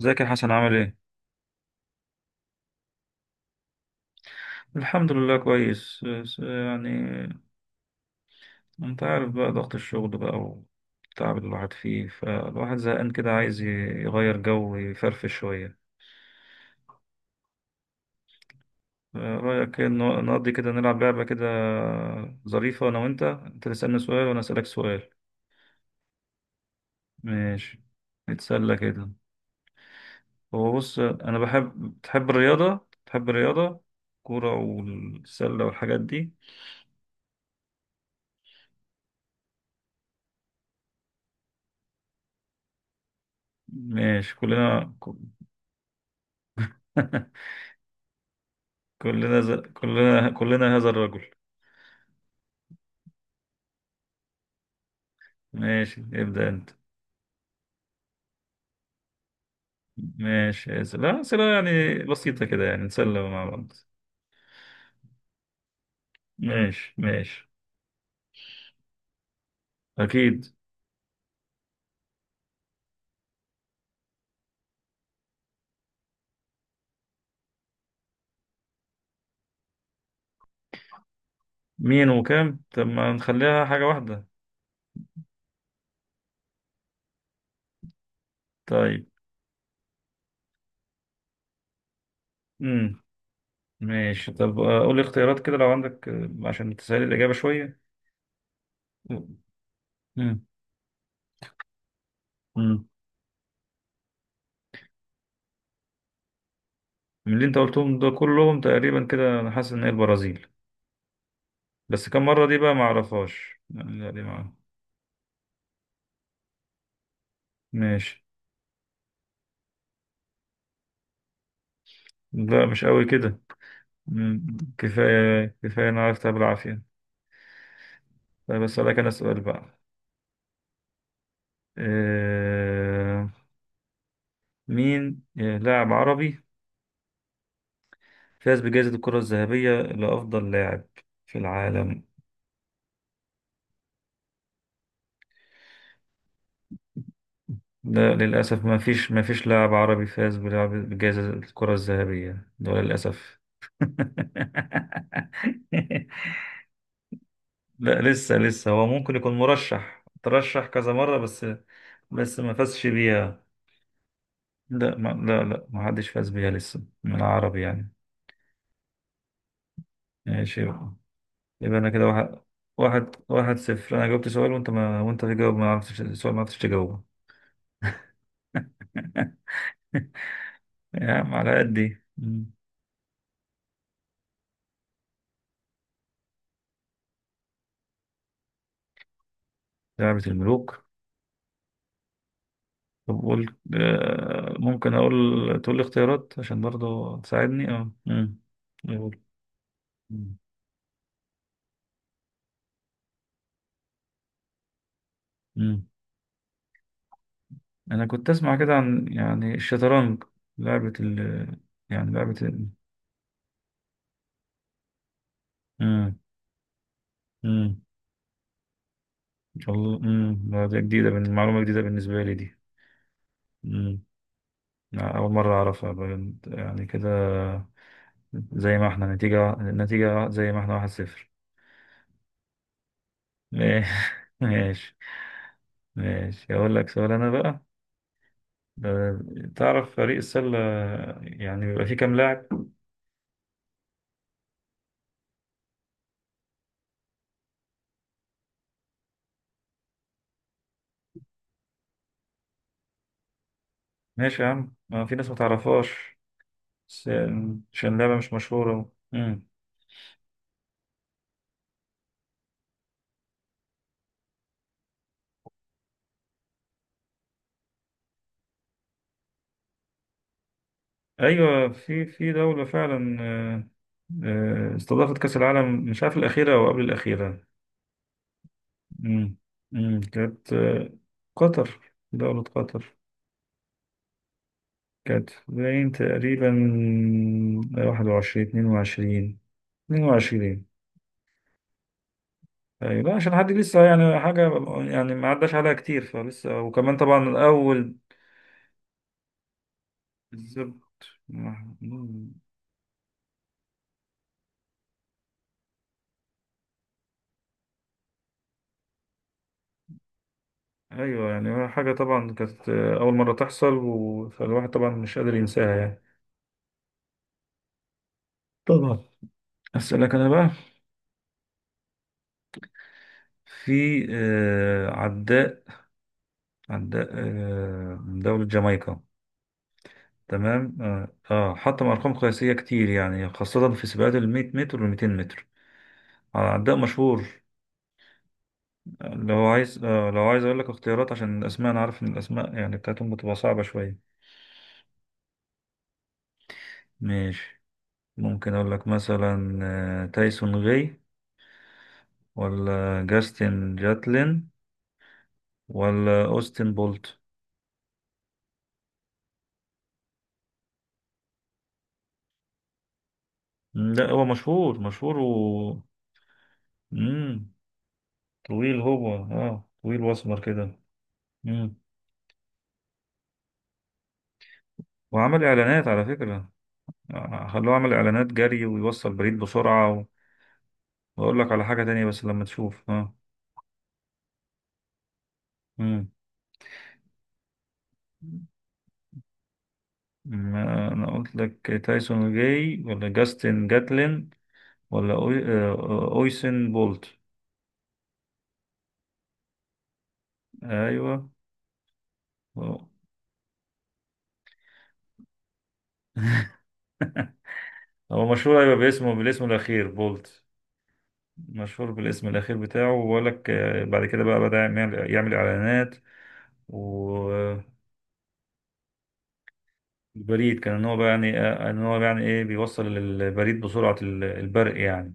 ازيك يا حسن عامل ايه؟ الحمد لله، كويس. بس يعني انت عارف بقى ضغط الشغل بقى والتعب اللي الواحد فيه، فالواحد زهقان كده عايز يغير جو ويفرفش شوية. رأيك إيه نقضي كده، نلعب لعبة كده ظريفة أنا وأنت؟ أنت تسألني سؤال وأنا أسألك سؤال. ماشي. نتسلى كده. هو بص، أنا بحب، تحب الرياضة، كورة والسلة والحاجات دي؟ ماشي، كلنا. كلنا هذا الرجل. ماشي، ابدأ انت. ماشي يا سلام. لا، أسئلة يعني بسيطة كده يعني نسلم مع بعض. ماشي، ماشي. أكيد. مين وكام؟ طب ما نخليها حاجة واحدة. طيب. امم ماشي طب، قول لي اختيارات كده لو عندك، عشان تسهل الإجابة شوية. امم امم من اللي أنت قلتهم ده كلهم تقريبا كده، أنا حاسس إن هي البرازيل. بس كم مرة دي بقى ما أعرفهاش. لا دي ما... ماشي. لا، مش قوي كده. مم. كفاية كفاية، أنا عرفت بالعافية. طيب أسألك أنا سؤال بقى. آه... مين لاعب عربي فاز بجائزة الكرة الذهبية لأفضل لاعب في العالم؟ لا، للأسف ما فيش لاعب عربي فاز بجائزة الكرة الذهبية ده، للأسف. لا، لسه هو ممكن يكون مرشح، ترشح كذا مرة بس. بس ما فازش بيها. لا، ما حدش فاز بيها لسه من العرب يعني. ماشي بقى. يبقى انا كده واحد، واحد صفر. انا جاوبت سؤال وانت تجاوب، ما عرفتش السؤال، ما عرفتش تجاوبه. يا عم، على قد ايه. مم. لعبة الملوك؟ طب قول، ممكن تقول لي اختيارات عشان برضه تساعدني. اه مم. يقول. مم. مم. انا كنت اسمع كده عن يعني الشطرنج، لعبة ال لعبة ال... مم. مم. الله. مم. لا، دي جديدة معلومة جديدة بالنسبة لي دي. لا، أول مرة أعرفها بجد يعني كده. زي ما احنا نتيجة، النتيجة زي ما احنا 1-0. ماشي. ماشي. ماشي. أقول لك سؤال أنا بقى. تعرف فريق السلة يعني بيبقى فيه كام لاعب؟ ماشي يا عم، ما في ناس ما تعرفهاش بس، عشان لعبة مش مشهورة. مم. أيوة، في دولة فعلا، استضافت كأس العالم، مش عارف الأخيرة أو قبل الأخيرة. مم. مم. كانت قطر، دولة قطر. كانت باين تقريبا 21، 22. 22. أيوة، لا عشان حد لسه يعني حاجة يعني ما عداش عليها كتير، فلسه وكمان طبعا الأول. بالظبط. مم. أيوة يعني حاجة طبعا كانت أول مرة تحصل، فالواحد طبعا مش قادر ينساها يعني. طبعا. أسألك أنا بقى. في عداء، من دولة جامايكا. تمام. اه حطم ارقام قياسيه كتير يعني خاصه في سباقات ال 100 متر وال 200 متر. على عداء مشهور. لو عايز اقول لك اختيارات، عشان الاسماء انا عارف ان الاسماء يعني بتاعتهم بتبقى صعبه شويه. ماشي. ممكن اقول لك مثلا تايسون غي، ولا جاستن جاتلين، ولا اوستن بولت. مم، لا هو مشهور، مشهور و مم. طويل، هو طويل واسمر كده. مم. وعمل اعلانات على فكره، خلوه يعمل اعلانات جري ويوصل بريد بسرعة واقول لك على حاجة تانية بس لما تشوف. اه مم. ما انا قلت لك تايسون جاي، ولا جاستن جاتلين، ولا أوي... آه، اويسن بولت. ايوه. هو هو مشهور، ايوه، باسمه، بالاسم الاخير بولت. مشهور بالاسم الاخير بتاعه. وبقول لك بعد كده بقى بدأ يعمل اعلانات والبريد، كان ان هو بقى يعني ان هو يعني ايه بيوصل البريد بسرعة، البرق يعني.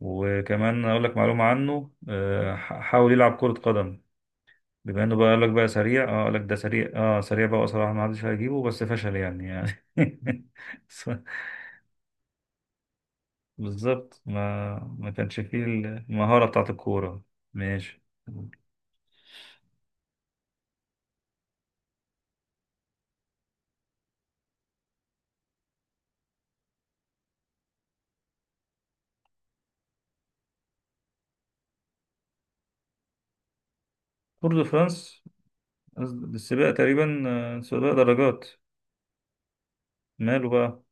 وكمان اقول لك معلومه عنه، حاول يلعب كره قدم. بما انه بقى قال لك بقى سريع، قال لك ده سريع، سريع بقى وصراحه ما حدش هيجيبه، بس فشل يعني س- بالظبط، ما كانش فيه المهاره بتاعت الكوره. ماشي. تور دو فرانس. السباق تقريبا، سباق درجات. ماله بقى.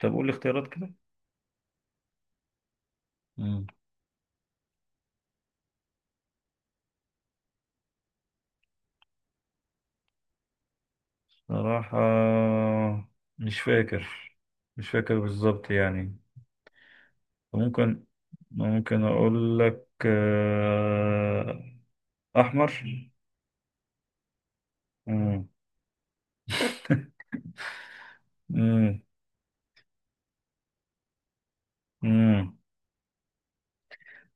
طب قول لي اختيارات كده. مم. صراحه، مش فاكر مش فاكر بالظبط يعني. ممكن ممكن أقول لك أحمر. مم. مم. مم.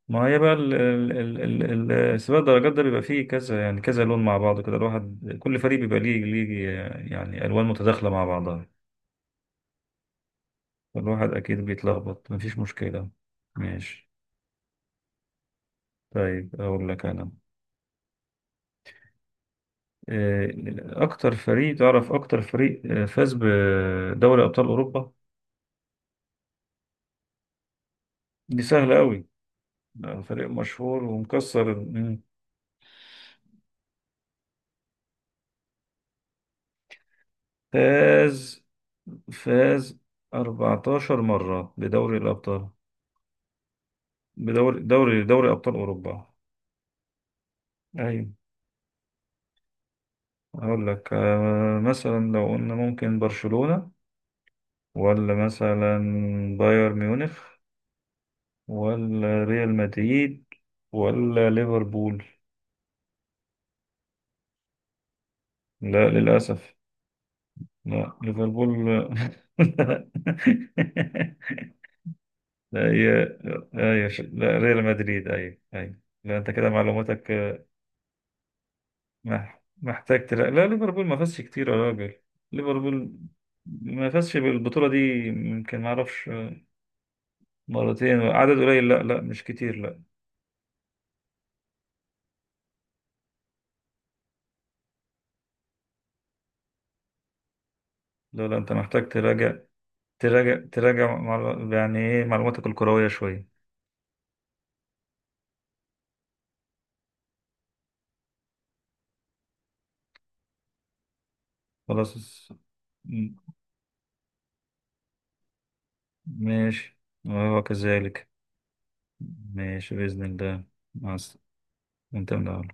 ما هي بقى سباق الدرجات ده بيبقى فيه كذا يعني كذا لون مع بعض كده، الواحد كل فريق بيبقى ليه، يعني ألوان متداخلة مع بعضها. الواحد أكيد بيتلخبط، مفيش مشكلة. ماشي. طيب أقول لك أنا. آه، أكتر فريق تعرف أكتر فريق فاز بدوري أبطال أوروبا؟ دي سهلة أوي، ده فريق مشهور ومكسر الدنيا. فاز فاز 14 مرة بدوري الأبطال، بدوري دوري دوري أبطال أوروبا. أيوة. هقول لك مثلا لو قلنا ممكن برشلونة، ولا مثلا بايرن ميونخ، ولا ريال مدريد، ولا ليفربول؟ لا، للأسف. لا ليفربول. لا. لا هي لا، ريال مدريد، أيوة أيوة، لا أنت كده معلوماتك... محتاج لا، ليفربول ما فازش كتير يا راجل. ليفربول ما فازش بالبطولة دي، يمكن ما أعرفش، مرتين، عدد قليل. لا لا، مش كتير، لا. لا لا، أنت محتاج تراجع، تراجع يعني إيه معلوماتك الكروية شوية. خلاص. م- ماشي. وهو كذلك. ماشي بإذن الله. مع أنت من الأول.